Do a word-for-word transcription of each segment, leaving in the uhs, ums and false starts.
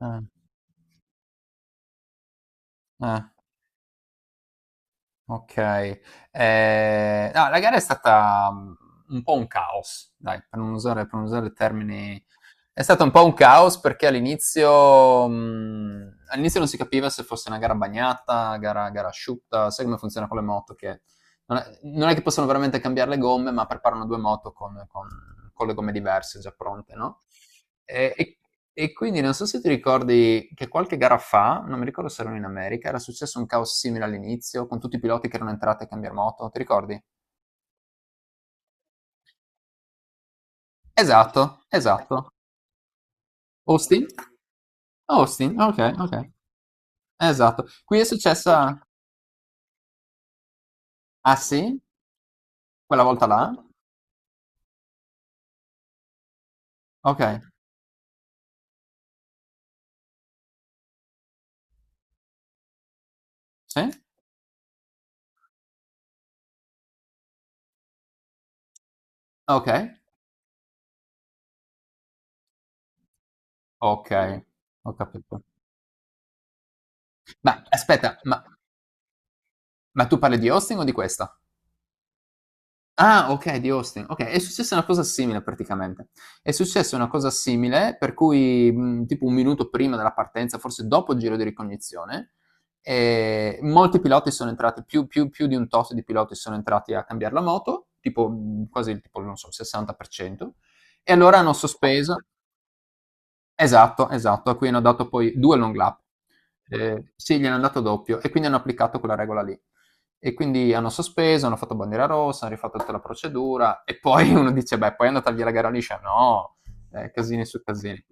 Ah, ah, ok. Eh, no, la gara è stata mm, un po' un caos, dai, per non usare, per non usare termini. È stato un po' un caos perché all'inizio, mh, all'inizio non si capiva se fosse una gara bagnata, gara, gara asciutta, sai come funziona con le moto, che non è, non è che possono veramente cambiare le gomme, ma preparano due moto con, con- con le gomme diverse già pronte, no? E, e- e quindi non so se ti ricordi che qualche gara fa, non mi ricordo se erano in America, era successo un caos simile all'inizio, con tutti i piloti che erano entrati a cambiare moto, ti ricordi? Esatto, esatto. Austin? Austin, ok, ok. Esatto. Qui è successa. Ah sì? Quella volta là? Okay. Sì? Okay, okay, ho capito. Ma aspetta, ma ma tu parli di hosting o di questa? Ah, ok, di Austin. Ok, è successa una cosa simile praticamente. È successa una cosa simile, per cui mh, tipo un minuto prima della partenza, forse dopo il giro di ricognizione, eh, molti piloti sono entrati, più, più- più di un tot di piloti sono entrati a cambiare la moto, tipo mh, quasi il tipo, non so, il sessanta per cento, e allora hanno sospeso. Esatto, esatto, a cui hanno dato poi due long lap. Ehm, sì, gliene hanno dato doppio e quindi hanno applicato quella regola lì. E quindi hanno sospeso, hanno fatto bandiera rossa, hanno rifatto tutta la procedura e poi uno dice: Beh, poi è andata via la gara liscia. No, eh, casini su casini.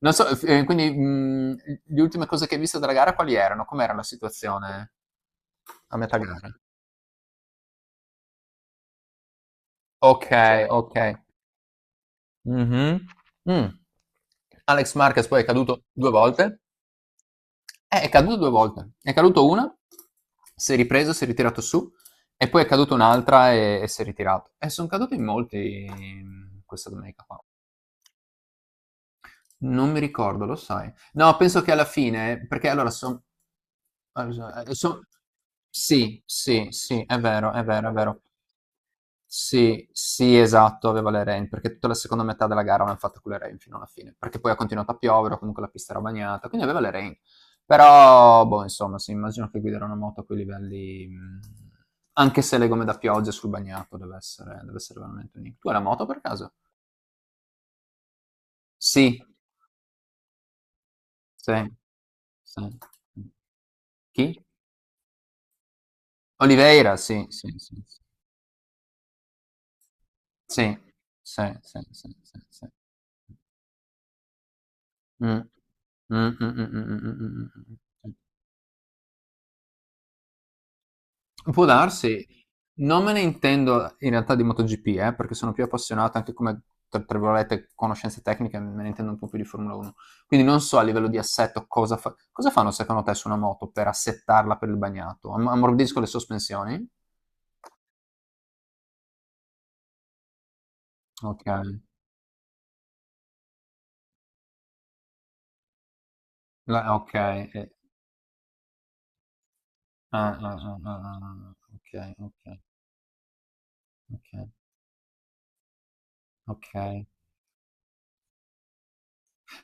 Non so, f- eh, quindi mh, le ultime cose che hai visto della gara quali erano? Com'era la situazione a metà gara? Ok, ok. Mhm. Mm. Alex Marquez poi è caduto due volte. Eh, è caduto due volte. È caduto una, si è ripreso, si è ritirato su, e poi è caduta un'altra e, e si è ritirato. E sono caduti in molti mm, questa domenica qua. Non mi ricordo, lo sai. No, penso che alla fine, perché allora sono... Sì, sì, sì, è vero, è vero, è vero. Sì, sì, esatto, aveva le rain, perché tutta la seconda metà della gara l'hanno fatta con le rain fino alla fine, perché poi ha continuato a piovere, o comunque la pista era bagnata, quindi aveva le rain. Però, boh, insomma, sì, immagino che guidare una moto a quei livelli, mh, anche se le gomme da pioggia sul bagnato, deve essere, deve essere veramente unico. Tu hai la moto per caso? Sì, sì, sì. Chi? Oliveira, sì, sì, sì, sì, sì, sì, sì, sì, sì. Mm. Mm, mm, mm, mm, mm, mm, mm, mm. Mm. Può darsi, non me ne intendo in realtà di MotoGP, eh, perché sono più appassionato anche come, tra, tra virgolette, conoscenze tecniche, me ne intendo un po' più di Formula uno. Quindi non so a livello di assetto cosa, fa- cosa fanno secondo te su una moto per assettarla per il bagnato. Am- ammorbidisco le sospensioni? Ok, La- ok, eh, ah, ah, ah, ah, ah, ok, ok, ok, ok.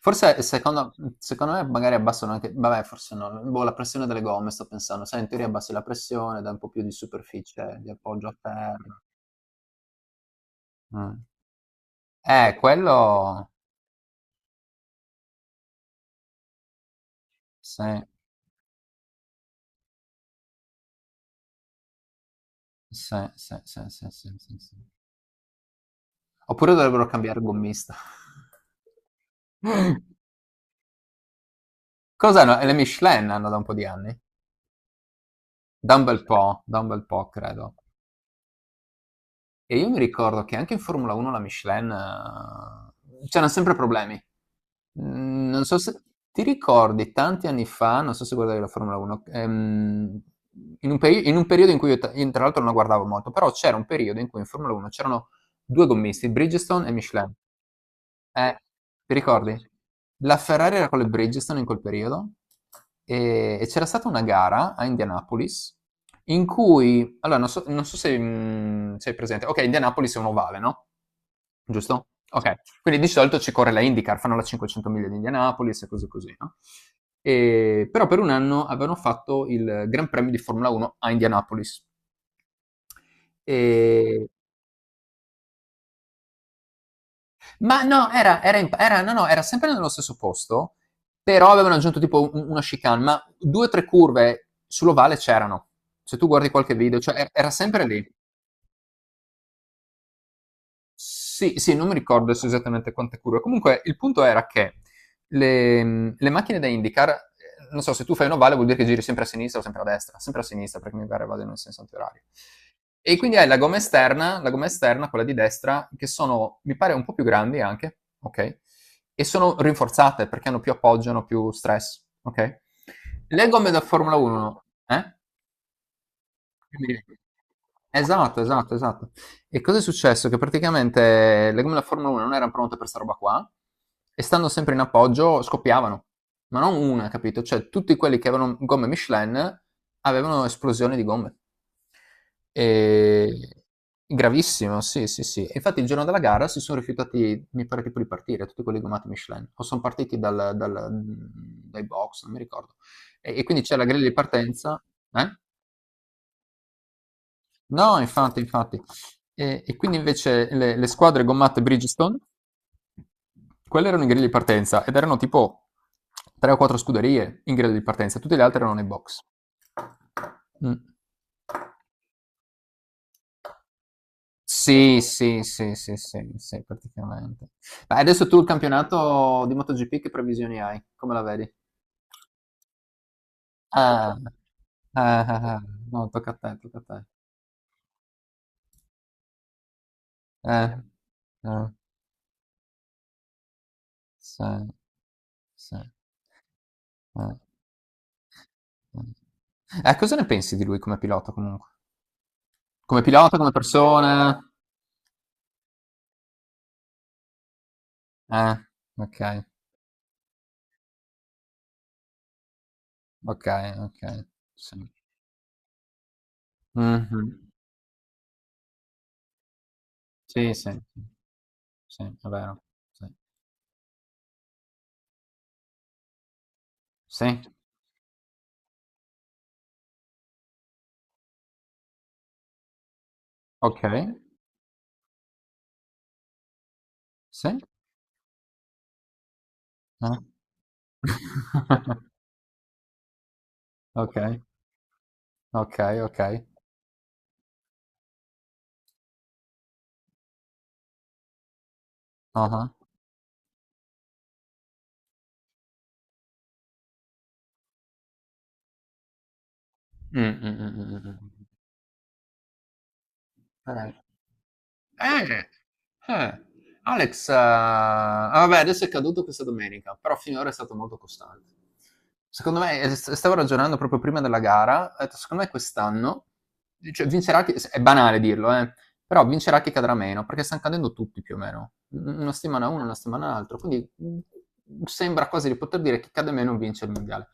Forse secondo, secondo me magari abbassano anche, vabbè, forse no, boh, la pressione delle gomme, sto pensando, sai, in teoria abbassi la pressione, dai un po' più di superficie, di appoggio a terra. Mm. Eh, quello, sì, sì, sì, sì, sì, sì, sì, sì. Sì. Oppure dovrebbero cambiare gommista. Cos'hanno? Eh, Le Michelin hanno da un po' di anni? Da un bel po', da un bel po', credo. E io mi ricordo che anche in Formula uno la Michelin, eh, c'erano sempre problemi. Mm. Non so se ti ricordi tanti anni fa, non so se guardavi la Formula uno, ehm, in un, peri- in un periodo in cui io, ta- io tra l'altro non la guardavo molto, però c'era un periodo in cui in Formula uno c'erano due gommisti, Bridgestone e Michelin. Eh, ti ricordi? La Ferrari era con le Bridgestone in quel periodo e, e c'era stata una gara a Indianapolis in cui, allora non so, non so, se mh, sei presente, ok, Indianapolis è un ovale, no? Giusto? Ok, quindi di solito ci corre la IndyCar, fanno la cinquecento miglia di Indianapolis e cose così, no? E- però per un anno avevano fatto il Gran Premio di Formula uno a Indianapolis. E Ma no, era, era in- era- no, no, era sempre nello stesso posto, però avevano aggiunto tipo un- una chicane, ma due o tre curve sull'ovale c'erano. Se tu guardi qualche video, cioè er- era sempre lì. Sì, sì, non mi ricordo adesso esattamente quante curve. Comunque il punto era che le, le macchine da IndyCar, eh, non so, se tu fai un ovale vuol dire che giri sempre a sinistra o sempre a destra, sempre a sinistra perché mi pare vado in un senso antiorario. E quindi hai la gomma esterna, la gomma esterna, quella di destra, che sono, mi pare, un po' più grandi anche, ok? E sono rinforzate perché hanno più appoggio, hanno più stress, ok? Le gomme da Formula uno, eh? Quindi- Esatto, esatto, esatto. E cosa è successo? Che praticamente le gomme della Formula uno non erano pronte per sta roba qua e stando sempre in appoggio scoppiavano, ma non una, capito? Cioè tutti quelli che avevano gomme Michelin avevano esplosioni di gomme. E... Gravissimo, sì, sì, sì. E infatti il giorno della gara si sono rifiutati, mi pare tipo di partire, tutti quelli gommati Michelin, o sono partiti dal- dal- dai box, non mi ricordo. E, e quindi c'è la griglia di partenza. Eh? No, infatti, infatti. E, e quindi invece le, le squadre gommate Bridgestone, quelle erano in griglia di partenza ed erano tipo tre o quattro scuderie in griglia di partenza, tutte le altre erano nei box. Mm. Sì, sì, sì, sì, sì, sì, praticamente. Ma adesso tu il campionato di MotoGP che previsioni hai? Come la vedi? Ah, ah, ah, ah. No, tocca a te, tocca a te. Eh, eh, sì, sì, eh. Eh, cosa ne pensi di lui come pilota comunque? Come pilota, come persona? Eh, ok, ok, ok, sì. Mhm. Sì, sì, sì, sì, è vero. Sì, sì, ok, sì, eh. Ok, ok, ok. Ah ah. Mm, mm, mm, mm, mm. Eh. Eh, eh. Alex, eh, ah, vabbè, adesso è caduto questa domenica, però finora è stato molto costante. Secondo me, eh, st- stavo ragionando proprio prima della gara, ho detto, secondo me quest'anno cioè, vincerà chi, è banale dirlo, eh, però vincerà chi cadrà meno, perché stanno cadendo tutti più o meno, una settimana uno, una settimana l'altro, quindi mh, sembra quasi di poter dire che chi cade meno vince il mondiale.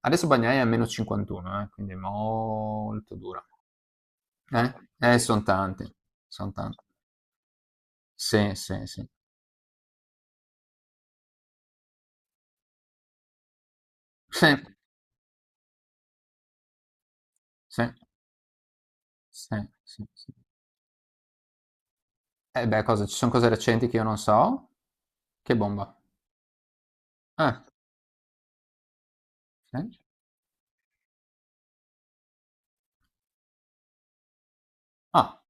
Adesso Bagnai è a meno cinquantuno, eh, quindi è molto dura. Eh, eh sono tanti, sono tanti. Sì, sì, sì. Sì, sì, sì, sì, sì. Eh beh, cosa, ci sono cose recenti che io non so? Che bomba. Ah, sì. Ah,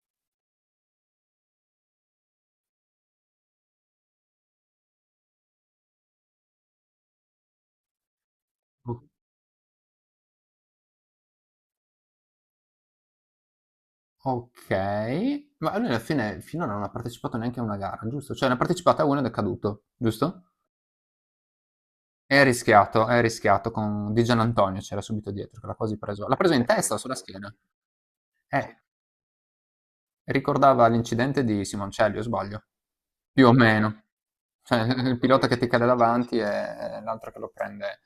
o- ok. Ma lui alla fine finora non ha partecipato neanche a una gara, giusto? Cioè ne ha partecipato a una ed è caduto, giusto? È rischiato, è rischiato con Di Gianantonio, c'era subito dietro, che l'ha quasi preso. L'ha preso in testa o sulla schiena? Eh, ricordava l'incidente di Simoncelli, o sbaglio? Più o meno. Cioè, il pilota che ti cade davanti e l'altro che lo prende.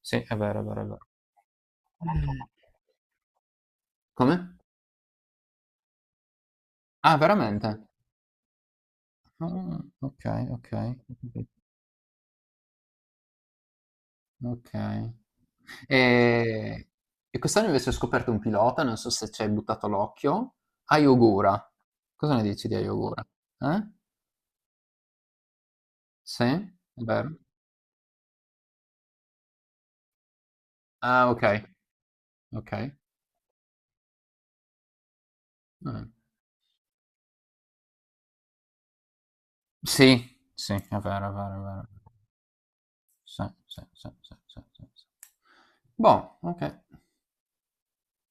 Sì, è vero, è vero, è vero. Mm. Come? Ah, veramente? Ah, ok, ok. Ho capito. Ok. E, e quest'anno invece ho scoperto un pilota, non so se ci hai buttato l'occhio, Ayogura. Cosa ne dici di Ayogura? Eh? Sì? È vero? Ah, ok, ok. Eh, sì, sì, è vero, è vero, è vero. Sì, sì, sì, sì, sì, sì, sì. Boh, ok.